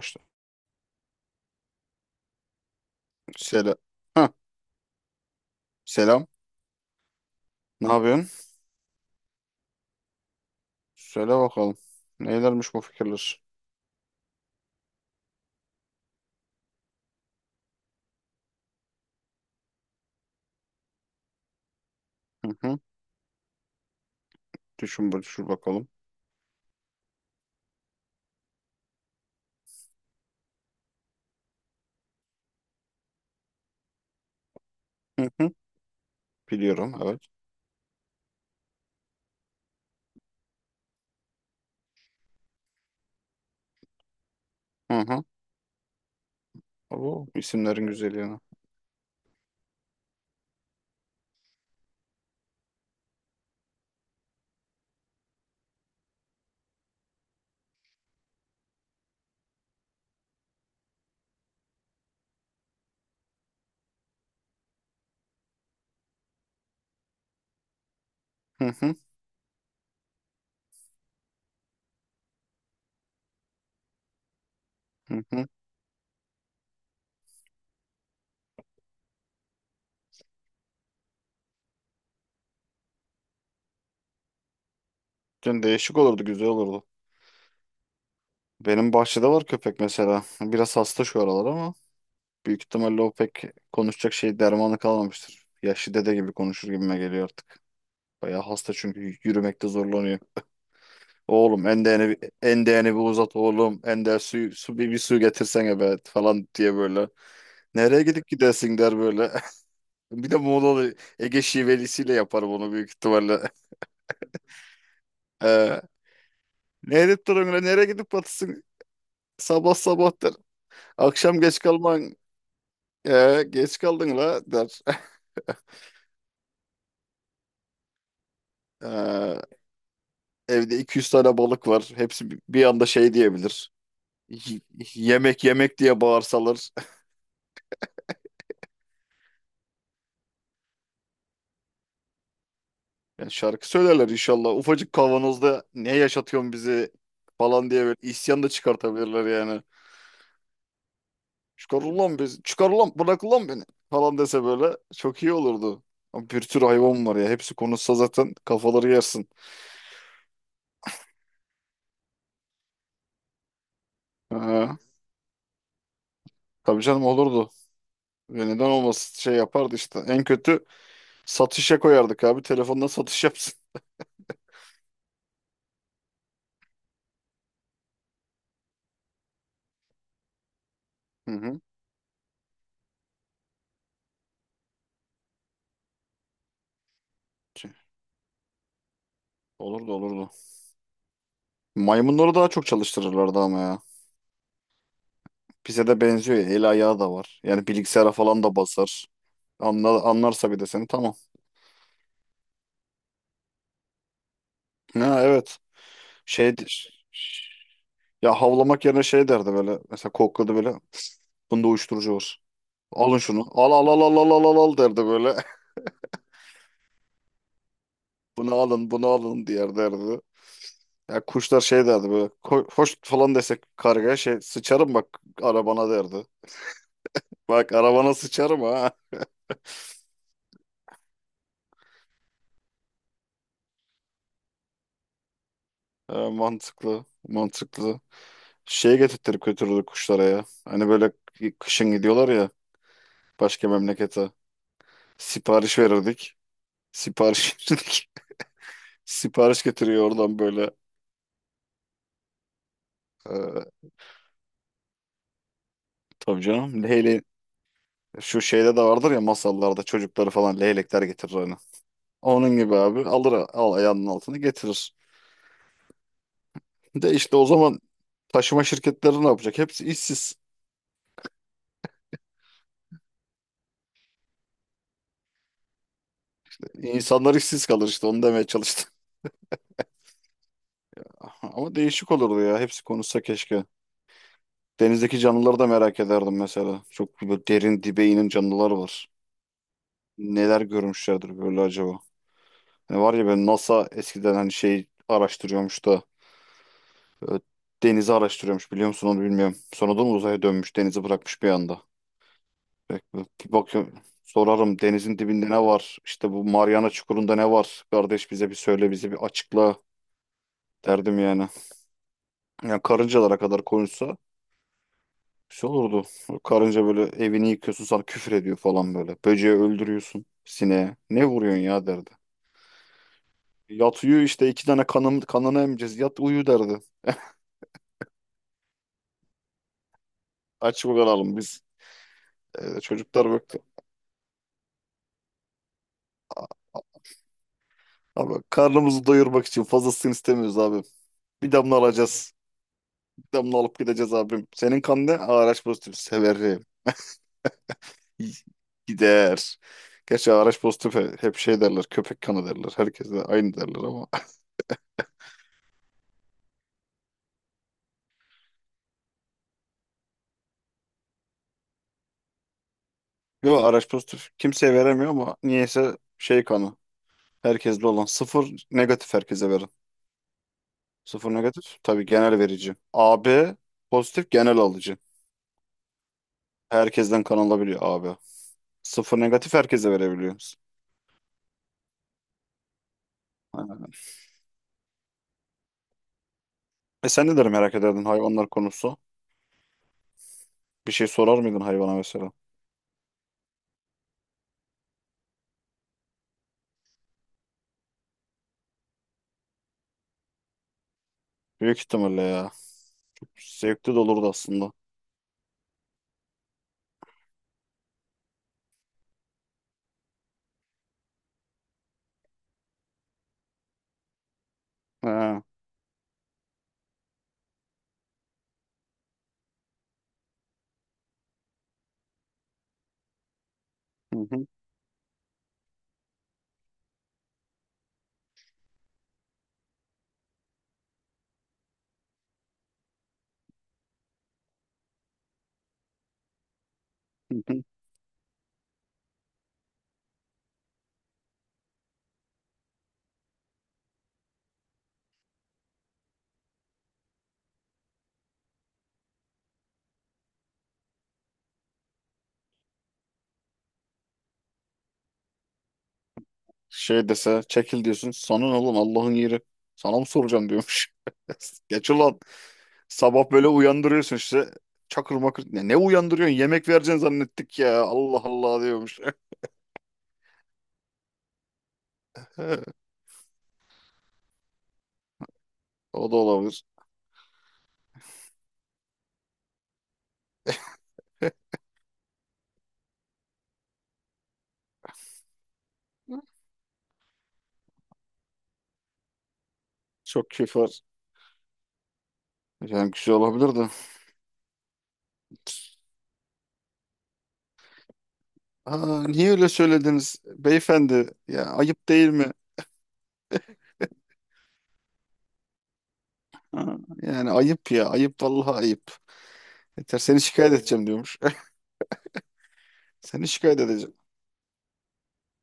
Başla. Selam. Ha, selam. Ne yapıyorsun? Söyle bakalım. Neylermiş bu fikirler? Hı hı. Düşün, düşün bakalım. Hı hı. Biliyorum, evet. Hı hı. Bu isimlerin güzelliğine. Hı hı. Hı hı. Yani değişik olurdu, güzel olurdu. Benim bahçede var köpek mesela. Biraz hasta şu aralar ama büyük ihtimalle o pek konuşacak şey dermanı kalmamıştır. Yaşlı dede gibi konuşur gibime geliyor artık. Bayağı hasta çünkü yürümekte zorlanıyor. Oğlum endeğini, bir uzat oğlum. Ender su, su bir su getirsene be falan diye böyle. Nereye gidip gidersin der böyle. Bir de Muğla'lı Ege şivelisiyle yapar bunu büyük ihtimalle. Ee, Ne edip duruyorsun lan? Nereye gidip batısın? Sabah sabah der. Akşam geç kalman. Geç kaldın la der. Ee, Evde 200 tane balık var. Hepsi bir anda şey diyebilir. Y- Yemek yemek diye bağırsalar. Yani şarkı söylerler inşallah. Ufacık kavanozda ne yaşatıyorsun bizi falan diye böyle isyan da çıkartabilirler yani. Çıkar ulan bizi, çıkar ulan bırak ulan beni falan dese böyle çok iyi olurdu. Ama bir tür hayvan var ya hepsi konuşsa zaten kafaları yersin. Ha, tabii canım olurdu. Ve neden olmasın şey yapardı işte. En kötü satışa koyardık abi telefonla satış yapsın. Hı hı. Şey, olurdu olurdu. Maymunları daha çok çalıştırırlardı ama ya. Bize de benziyor ya. El ayağı da var. Yani bilgisayara falan da basar. Anlarsa bir de seni tamam. Ha, evet. Şeydir. Ya havlamak yerine şey derdi böyle. Mesela kokladı böyle. Bunda uyuşturucu var. Alın şunu. Al al al al al al al al" derdi böyle. Bunu alın bunu alın diğer derdi. Ya kuşlar şey derdi böyle. Hoş falan desek kargaya şey sıçarım bak arabana derdi. Bak arabana sıçarım ha. Mantıklı mantıklı. Şey getirttirip götürürdü kuşlara ya. Hani böyle kışın gidiyorlar ya başka memlekete. Sipariş verirdik. Sipariş sipariş getiriyor oradan böyle. Ee, tabii canım. Şu şeyde de vardır ya masallarda çocukları falan leylekler getirir hani. Onun gibi abi alır al ayağının altını getirir. De işte o zaman taşıma şirketleri ne yapacak? Hepsi işsiz. İnsanlar işsiz kalır işte onu demeye çalıştım. Ama değişik olurdu ya. Hepsi konuşsa keşke. Denizdeki canlıları da merak ederdim mesela. Çok böyle derin dibe inen canlılar var. Neler görmüşlerdir böyle acaba? Ne var ya ben NASA eskiden hani şey araştırıyormuş da e, denizi araştırıyormuş biliyor musun onu bilmiyorum. Sonradan uzaya dönmüş denizi bırakmış bir anda. Bir bakıyorum sorarım denizin dibinde ne var? İşte bu Mariana Çukuru'nda ne var? Kardeş bize bir söyle bize bir açıkla derdim yani. Yani karıncalara kadar konuşsa bir şey olurdu. Karınca böyle evini yıkıyorsun sana küfür ediyor falan böyle. Böceği öldürüyorsun sineğe. Ne vuruyorsun ya derdi. Yat uyu işte iki tane kanını emeceğiz. Yat uyu derdi. Aç bakalım biz. Evde çocuklar baktı. Ama karnımızı doyurmak için fazlasını istemiyoruz abi. Bir damla alacağız. Bir damla alıp gideceğiz abim. Senin kan ne? Araç pozitif severim. İy- Gider. Gerçi araç pozitif hep şey derler. Köpek kanı derler. Herkese aynı derler ama. Yok ağraç pozitif kimseye veremiyor ama niyeyse şey kanı. Herkeste olan. Sıfır negatif herkese verin. Sıfır negatif tabii genel verici. AB pozitif genel alıcı. Herkesten kan alabiliyor AB. Sıfır negatif herkese verebiliyoruz. E sen neleri merak ederdin hayvanlar konusu? Bir şey sorar mıydın hayvana mesela? Büyük ihtimalle ya. Zevkli de olurdu aslında. He. Hı hı, hı hı. Şey dese çekil diyorsun. Sana ne oğlum Allah'ın yeri. Sana mı soracağım diyormuş. Geç ulan. Sabah böyle uyandırıyorsun işte. Çakır makır. Ne uyandırıyorsun? Yemek vereceğini zannettik ya. Allah Allah diyormuş. O da olabilir. Çok keyif var. Yani güzel olabilir de. Aa, niye öyle söylediniz beyefendi? Ya ayıp değil mi? Ha, yani ayıp ya. Ayıp vallahi ayıp. Yeter seni şikayet edeceğim diyormuş. Seni şikayet edeceğim.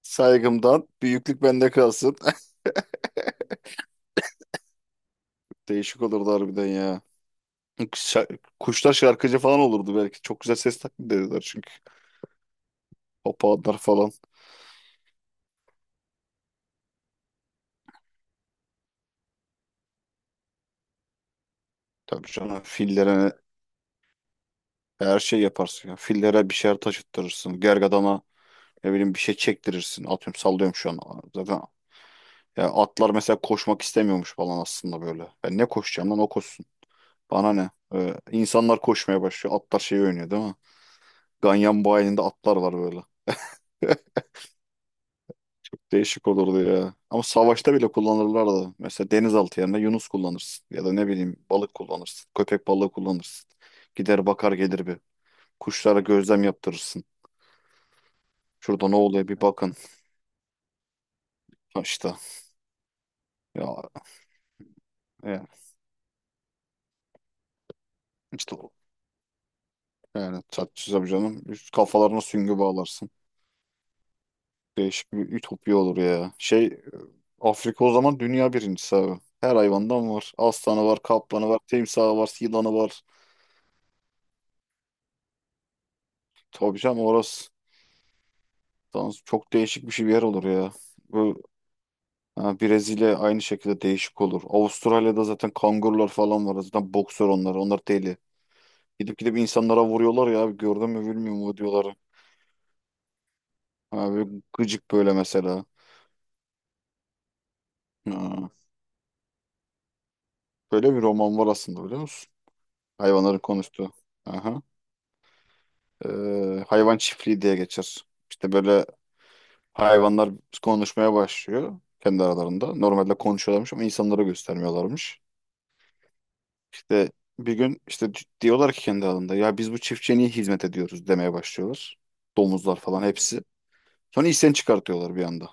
Saygımdan büyüklük bende kalsın. Değişik olurdu harbiden ya. Kuşlar şarkıcı falan olurdu belki. Çok güzel ses taklidi dediler çünkü. Papağanlar falan. Tabii canım fillere her şey yaparsın ya. Fillere bir şeyler taşıttırırsın. Gergedana ne bileyim bir şey çektirirsin. Atıyorum sallıyorum şu an. Zaten ya atlar mesela koşmak istemiyormuş falan aslında böyle. Ben ne koşacağım lan o koşsun. Bana ne? İnsanlar koşmaya başlıyor. Atlar şey oynuyor değil mi? Ganyan bayilinde atlar var böyle. Çok değişik olurdu ya. Ama savaşta bile kullanırlardı. Mesela denizaltı yerine yunus kullanırsın. Ya da ne bileyim balık kullanırsın. Köpek balığı kullanırsın. Gider bakar gelir bir. Kuşlara gözlem yaptırırsın. Şurada ne oluyor bir bakın. Ha işte. Ya, ya işte o. Yani tatlısı canım. Üst kafalarına süngü bağlarsın. Değişik bir ütopya olur ya. Şey Afrika o zaman dünya birincisi abi. Her hayvandan var. Aslanı var, kaplanı var, timsahı var, yılanı var. Tabii canım orası. Tamam, çok değişik bir yer olur ya. Bu ha, Brezilya aynı şekilde değişik olur. Avustralya'da zaten kangurular falan var. Zaten boksör onlar. Onlar deli. Gidip gidip insanlara vuruyorlar ya, abi. Gördün mü bilmiyorum o diyorlar. Ha, böyle gıcık böyle mesela. Ha. Böyle bir roman var aslında biliyor musun? Hayvanların konuştuğu. Aha. Hayvan Çiftliği diye geçer. İşte böyle hayvanlar konuşmaya başlıyor kendi aralarında. Normalde konuşuyorlarmış ama insanlara göstermiyorlarmış. İşte bir gün işte diyorlar ki kendi aralarında ya biz bu çiftçiye niye hizmet ediyoruz demeye başlıyorlar. Domuzlar falan hepsi. Sonra isyan çıkartıyorlar bir anda.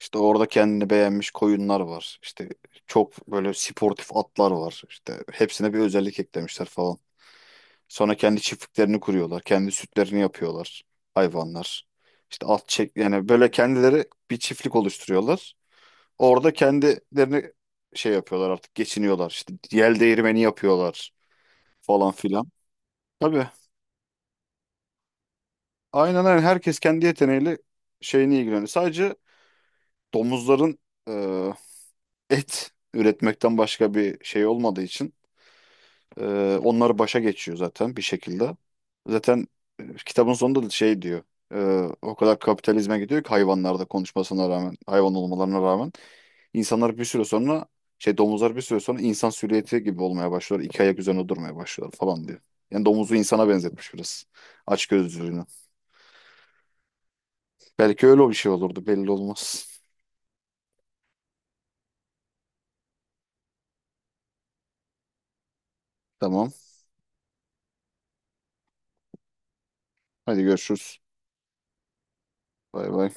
İşte orada kendini beğenmiş koyunlar var. İşte çok böyle sportif atlar var. İşte hepsine bir özellik eklemişler falan. Sonra kendi çiftliklerini kuruyorlar. Kendi sütlerini yapıyorlar hayvanlar. İşte at çek yani böyle kendileri bir çiftlik oluşturuyorlar. Orada kendilerini şey yapıyorlar artık geçiniyorlar işte yel değirmeni yapıyorlar falan filan. Tabii aynen aynen herkes kendi yeteneğiyle şeyini ilgileniyor. Sadece domuzların e, et üretmekten başka bir şey olmadığı için e, onları başa geçiyor zaten bir şekilde. Zaten kitabın sonunda da şey diyor o kadar kapitalizme gidiyor ki hayvanlarda konuşmasına rağmen hayvan olmalarına rağmen İnsanlar bir süre sonra şey domuzlar bir süre sonra insan silüeti gibi olmaya başlıyor, İki ayak üzerine durmaya başlıyorlar falan diyor. Yani domuzu insana benzetmiş biraz. Aç gözlülüğünü. Belki öyle bir şey olurdu belli olmaz. Tamam. Hadi görüşürüz. Bay bay.